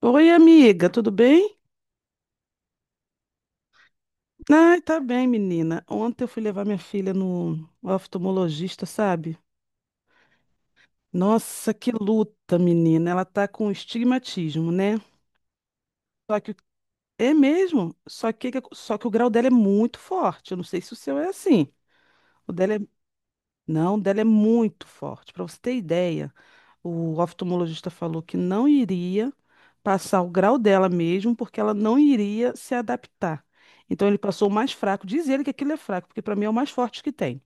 Oi, amiga, tudo bem? Ai, tá bem, menina. Ontem eu fui levar minha filha no oftalmologista, sabe? Nossa, que luta, menina. Ela tá com estigmatismo, né? Só que é mesmo, só que o grau dela é muito forte. Eu não sei se o seu é assim. O dela é Não, o dela é muito forte. Para você ter ideia, o oftalmologista falou que não iria passar o grau dela mesmo, porque ela não iria se adaptar. Então ele passou o mais fraco. Diz ele que aquilo é fraco, porque para mim é o mais forte que tem.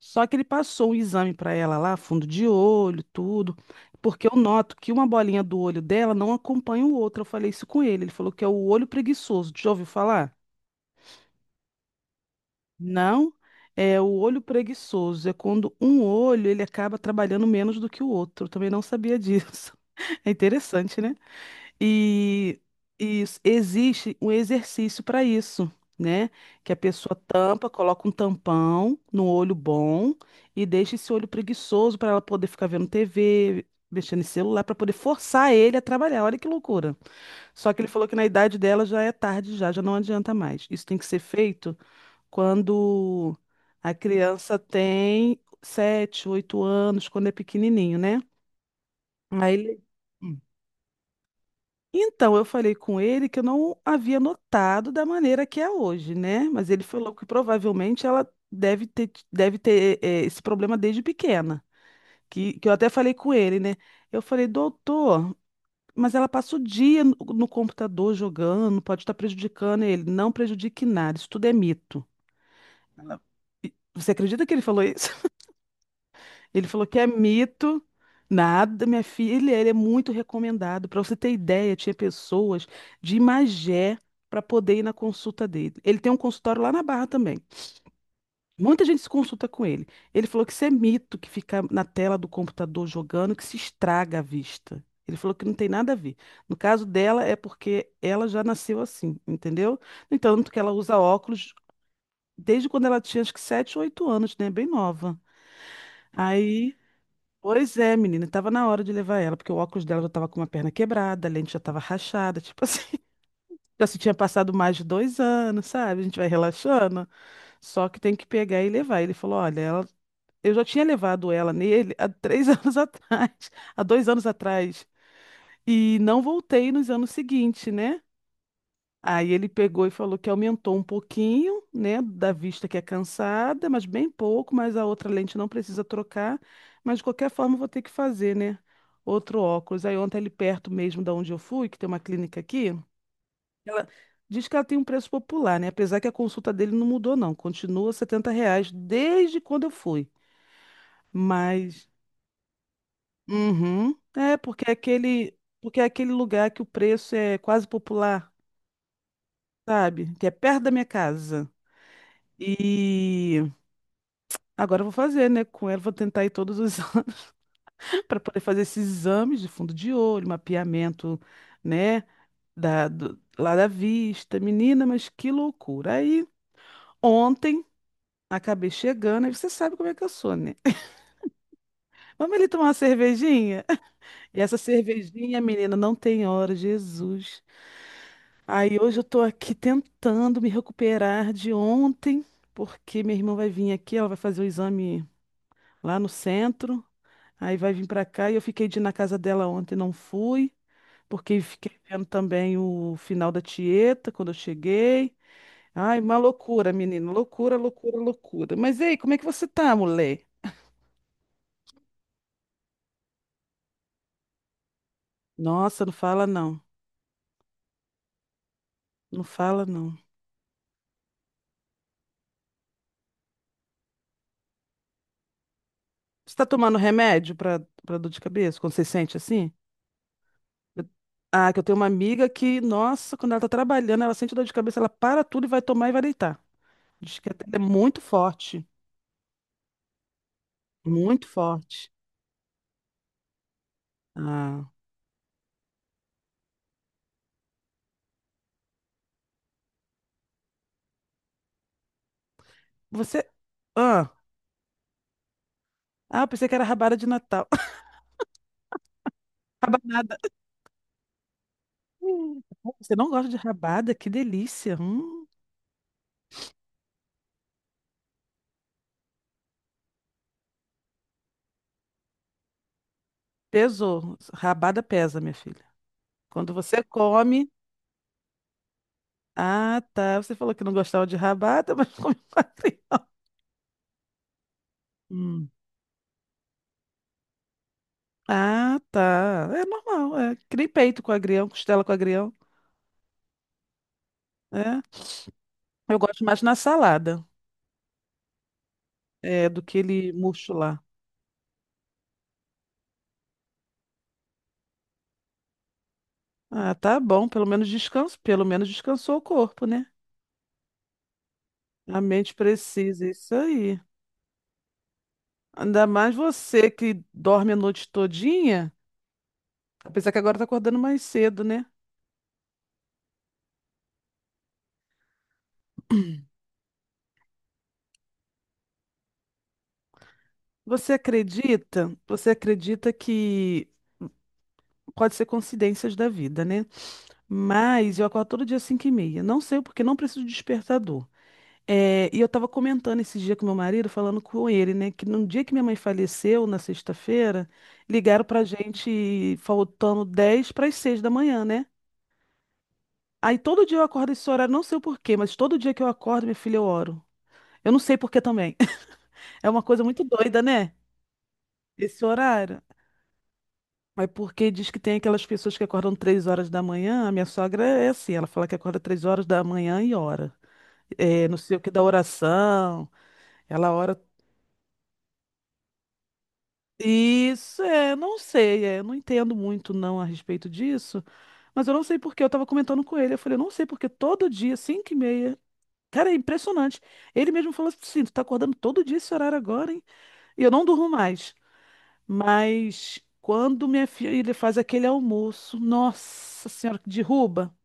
Só que ele passou um exame para ela lá, fundo de olho, tudo, porque eu noto que uma bolinha do olho dela não acompanha o outro. Eu falei isso com ele. Ele falou que é o olho preguiçoso. Já ouviu falar? Não, é o olho preguiçoso. É quando um olho ele acaba trabalhando menos do que o outro. Eu também não sabia disso. É interessante, né? E, existe um exercício para isso, né? Que a pessoa tampa, coloca um tampão no olho bom e deixa esse olho preguiçoso para ela poder ficar vendo TV, mexendo em celular, para poder forçar ele a trabalhar. Olha que loucura. Só que ele falou que na idade dela já é tarde já, já não adianta mais. Isso tem que ser feito quando a criança tem 7, 8 anos, quando é pequenininho, né? Aí ele... Hum. Então, eu falei com ele que eu não havia notado da maneira que é hoje, né? Mas ele falou que provavelmente ela deve ter esse problema desde pequena. Que eu até falei com ele, né? Eu falei, doutor, mas ela passa o dia no computador jogando, pode estar prejudicando ele. Não prejudique nada, isso tudo é mito. Ela, você acredita que ele falou isso? Ele falou que é mito. Nada, minha filha, ele é muito recomendado. Para você ter ideia, tinha pessoas de Magé para poder ir na consulta dele. Ele tem um consultório lá na Barra também. Muita gente se consulta com ele. Ele falou que isso é mito, que fica na tela do computador jogando, que se estraga a vista. Ele falou que não tem nada a ver. No caso dela, é porque ela já nasceu assim, entendeu? No entanto, que ela usa óculos desde quando ela tinha acho que 7 ou 8 anos, né? Bem nova. Aí. Pois é, menina, tava na hora de levar ela, porque o óculos dela já tava com uma perna quebrada, a lente já tava rachada, tipo assim, já se tinha passado mais de 2 anos, sabe? A gente vai relaxando, só que tem que pegar e levar. Ele falou, olha, ela... eu já tinha levado ela nele há 3 anos atrás, há 2 anos atrás, e não voltei nos anos seguintes, né? Aí ele pegou e falou que aumentou um pouquinho, né, da vista que é cansada, mas bem pouco, mas a outra lente não precisa trocar, mas de qualquer forma eu vou ter que fazer, né, outro óculos. Aí ontem ali perto mesmo da onde eu fui, que tem uma clínica aqui, ela diz que ela tem um preço popular, né, apesar que a consulta dele não mudou não, continua R$70 desde quando eu fui, mas, uhum, é porque é aquele lugar que o preço é quase popular, sabe, que é perto da minha casa. E agora eu vou fazer, né? Com ela, vou tentar ir todos os anos para poder fazer esses exames de fundo de olho, mapeamento, né? Lá da vista. Menina, mas que loucura. Aí, ontem, acabei chegando, aí você sabe como é que eu sou, né? Vamos ali tomar uma cervejinha? E essa cervejinha, menina, não tem hora, Jesus. Aí hoje eu tô aqui tentando me recuperar de ontem, porque minha irmã vai vir aqui, ela vai fazer o exame lá no centro. Aí vai vir pra cá e eu fiquei de ir na casa dela ontem, não fui, porque fiquei vendo também o final da Tieta quando eu cheguei. Ai, uma loucura, menino, loucura, loucura, loucura. Mas ei, como é que você tá, mulher? Nossa, não fala não, não fala não. Você tá tomando remédio pra dor de cabeça, quando você sente assim? Eu- Ah, que eu tenho uma amiga que, nossa, quando ela tá trabalhando, ela sente dor de cabeça, ela para tudo e vai tomar e vai deitar. Diz que até é muito forte, muito forte. Ah, você. Ah, ah, eu pensei que era rabada de Natal. Rabanada. Hum, Você não gosta de rabada? Que delícia. Pesou. Rabada pesa, minha filha. Quando você come. Ah, tá. Você falou que não gostava de rabada, mas come com agrião. Hum. Ah, tá. É normal. É. Que nem peito com agrião, costela com agrião. É. Eu gosto mais na salada, é, do que ele murcho lá. Ah, tá bom. Pelo menos descanso. Pelo menos descansou o corpo, né? A mente precisa. Isso aí. Ainda mais você que dorme a noite todinha, apesar que agora tá acordando mais cedo, né? Você acredita? Você acredita que pode ser coincidências da vida, né? Mas eu acordo todo dia 5h30. Não sei porque não preciso de despertador. É, e eu estava comentando esse dia com meu marido, falando com ele, né? Que no dia que minha mãe faleceu, na sexta-feira, ligaram pra gente faltando 5h50, né? Aí todo dia eu acordo esse horário, não sei o porquê, mas todo dia que eu acordo, minha filha, eu oro. Eu não sei por que também. É uma coisa muito doida, né? Esse horário. Mas porque diz que tem aquelas pessoas que acordam 3 horas da manhã. A minha sogra é assim, ela fala que acorda 3 horas da manhã e ora. É, não sei o que da oração. Ela ora. Isso, é, não sei, é, eu não entendo muito não a respeito disso. Mas eu não sei por que. Eu tava comentando com ele. Eu falei, eu não sei porque todo dia, cinco e meia. Cara, é impressionante. Ele mesmo falou assim: tu tá acordando todo dia esse horário agora, hein? E eu não durmo mais. Mas quando minha filha faz aquele almoço, nossa senhora, que derruba.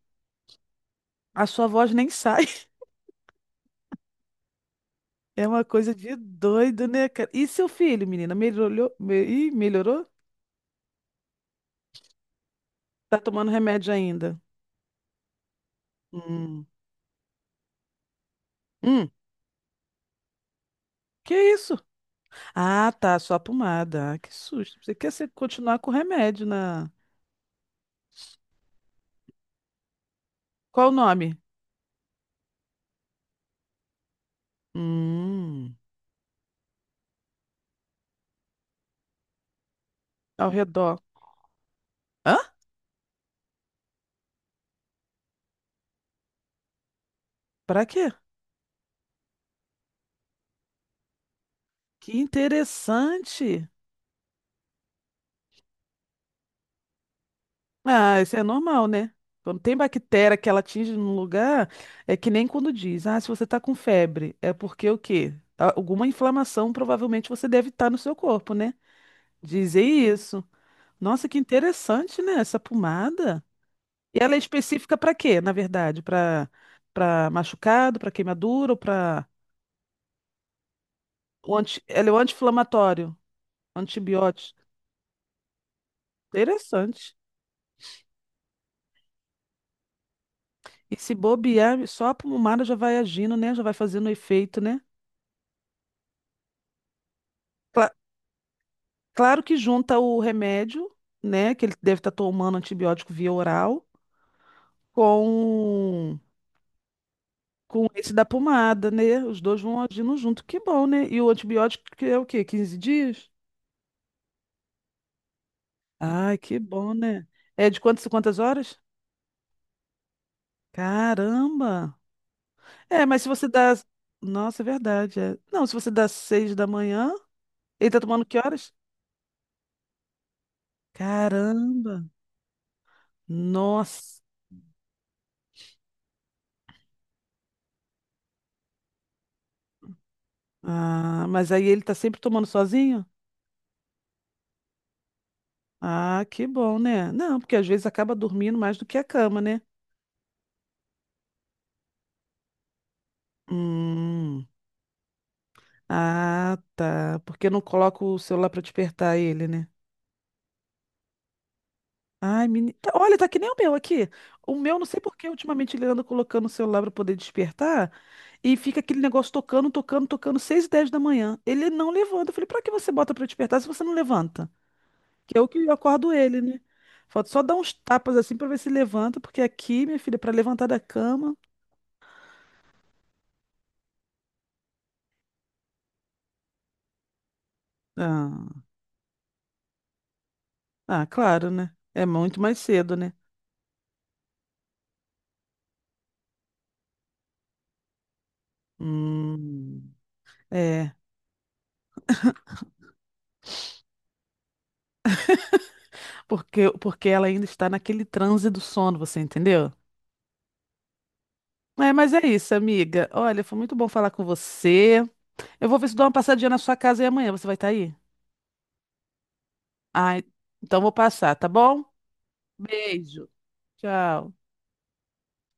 A sua voz nem sai. É uma coisa de doido, né, cara? E seu filho, menina, melhorou? Ih, melhorou? Tá tomando remédio ainda? Hum. Hum. Que isso? Ah, tá, só a pomada. Ah, que susto. Você quer continuar com o remédio na. Qual o nome? Hum. Ao redor. Hã? Pra quê? Que interessante. Ah, isso é normal, né? Quando tem bactéria que ela atinge num lugar, é que nem quando diz, ah, se você tá com febre, é porque o quê? Alguma inflamação provavelmente você deve estar no seu corpo, né? Dizer isso. Nossa, que interessante, né? Essa pomada. E ela é específica pra quê, na verdade? Pra para machucado, pra queimadura ou para o anti... ela é o anti-inflamatório, antibiótico. Interessante. E se bobear, só a pomada já vai agindo, né? Já vai fazendo efeito, né? Cla- Claro que junta o remédio, né, que ele deve estar tomando antibiótico via oral, com com esse da pomada, né? Os dois vão agindo junto, que bom, né? E o antibiótico que é o quê? 15 dias? Ai, que bom, né? É de quantas horas? Caramba! É, mas se você dá. Nossa, é verdade. É. Não, se você dá 6 da manhã, ele tá tomando que horas? Caramba! Nossa! Ah, mas aí ele tá sempre tomando sozinho? Ah, que bom, né? Não, porque às vezes acaba dormindo mais do que a cama, né? Hum. Ah, tá. Porque eu não coloco o celular pra despertar ele, né? Ai, menina. Olha, tá que nem o meu aqui. O meu, não sei por que, ultimamente ele anda colocando o celular pra poder despertar e fica aquele negócio tocando, tocando, tocando, 6h10. Ele não levanta. Eu falei, pra que você bota pra despertar se você não levanta? Que é o que acordo ele, né? Falta só dar uns tapas assim pra ver se levanta, porque aqui, minha filha, pra levantar da cama. Ah. Ah, claro, né? É muito mais cedo, né? Hum, é, porque ela ainda está naquele transe do sono, você entendeu? É, mas é isso, amiga. Olha, foi muito bom falar com você. Eu vou ver se dou uma passadinha na sua casa e amanhã você vai estar aí? Ah, então vou passar, tá bom? Beijo. Tchau.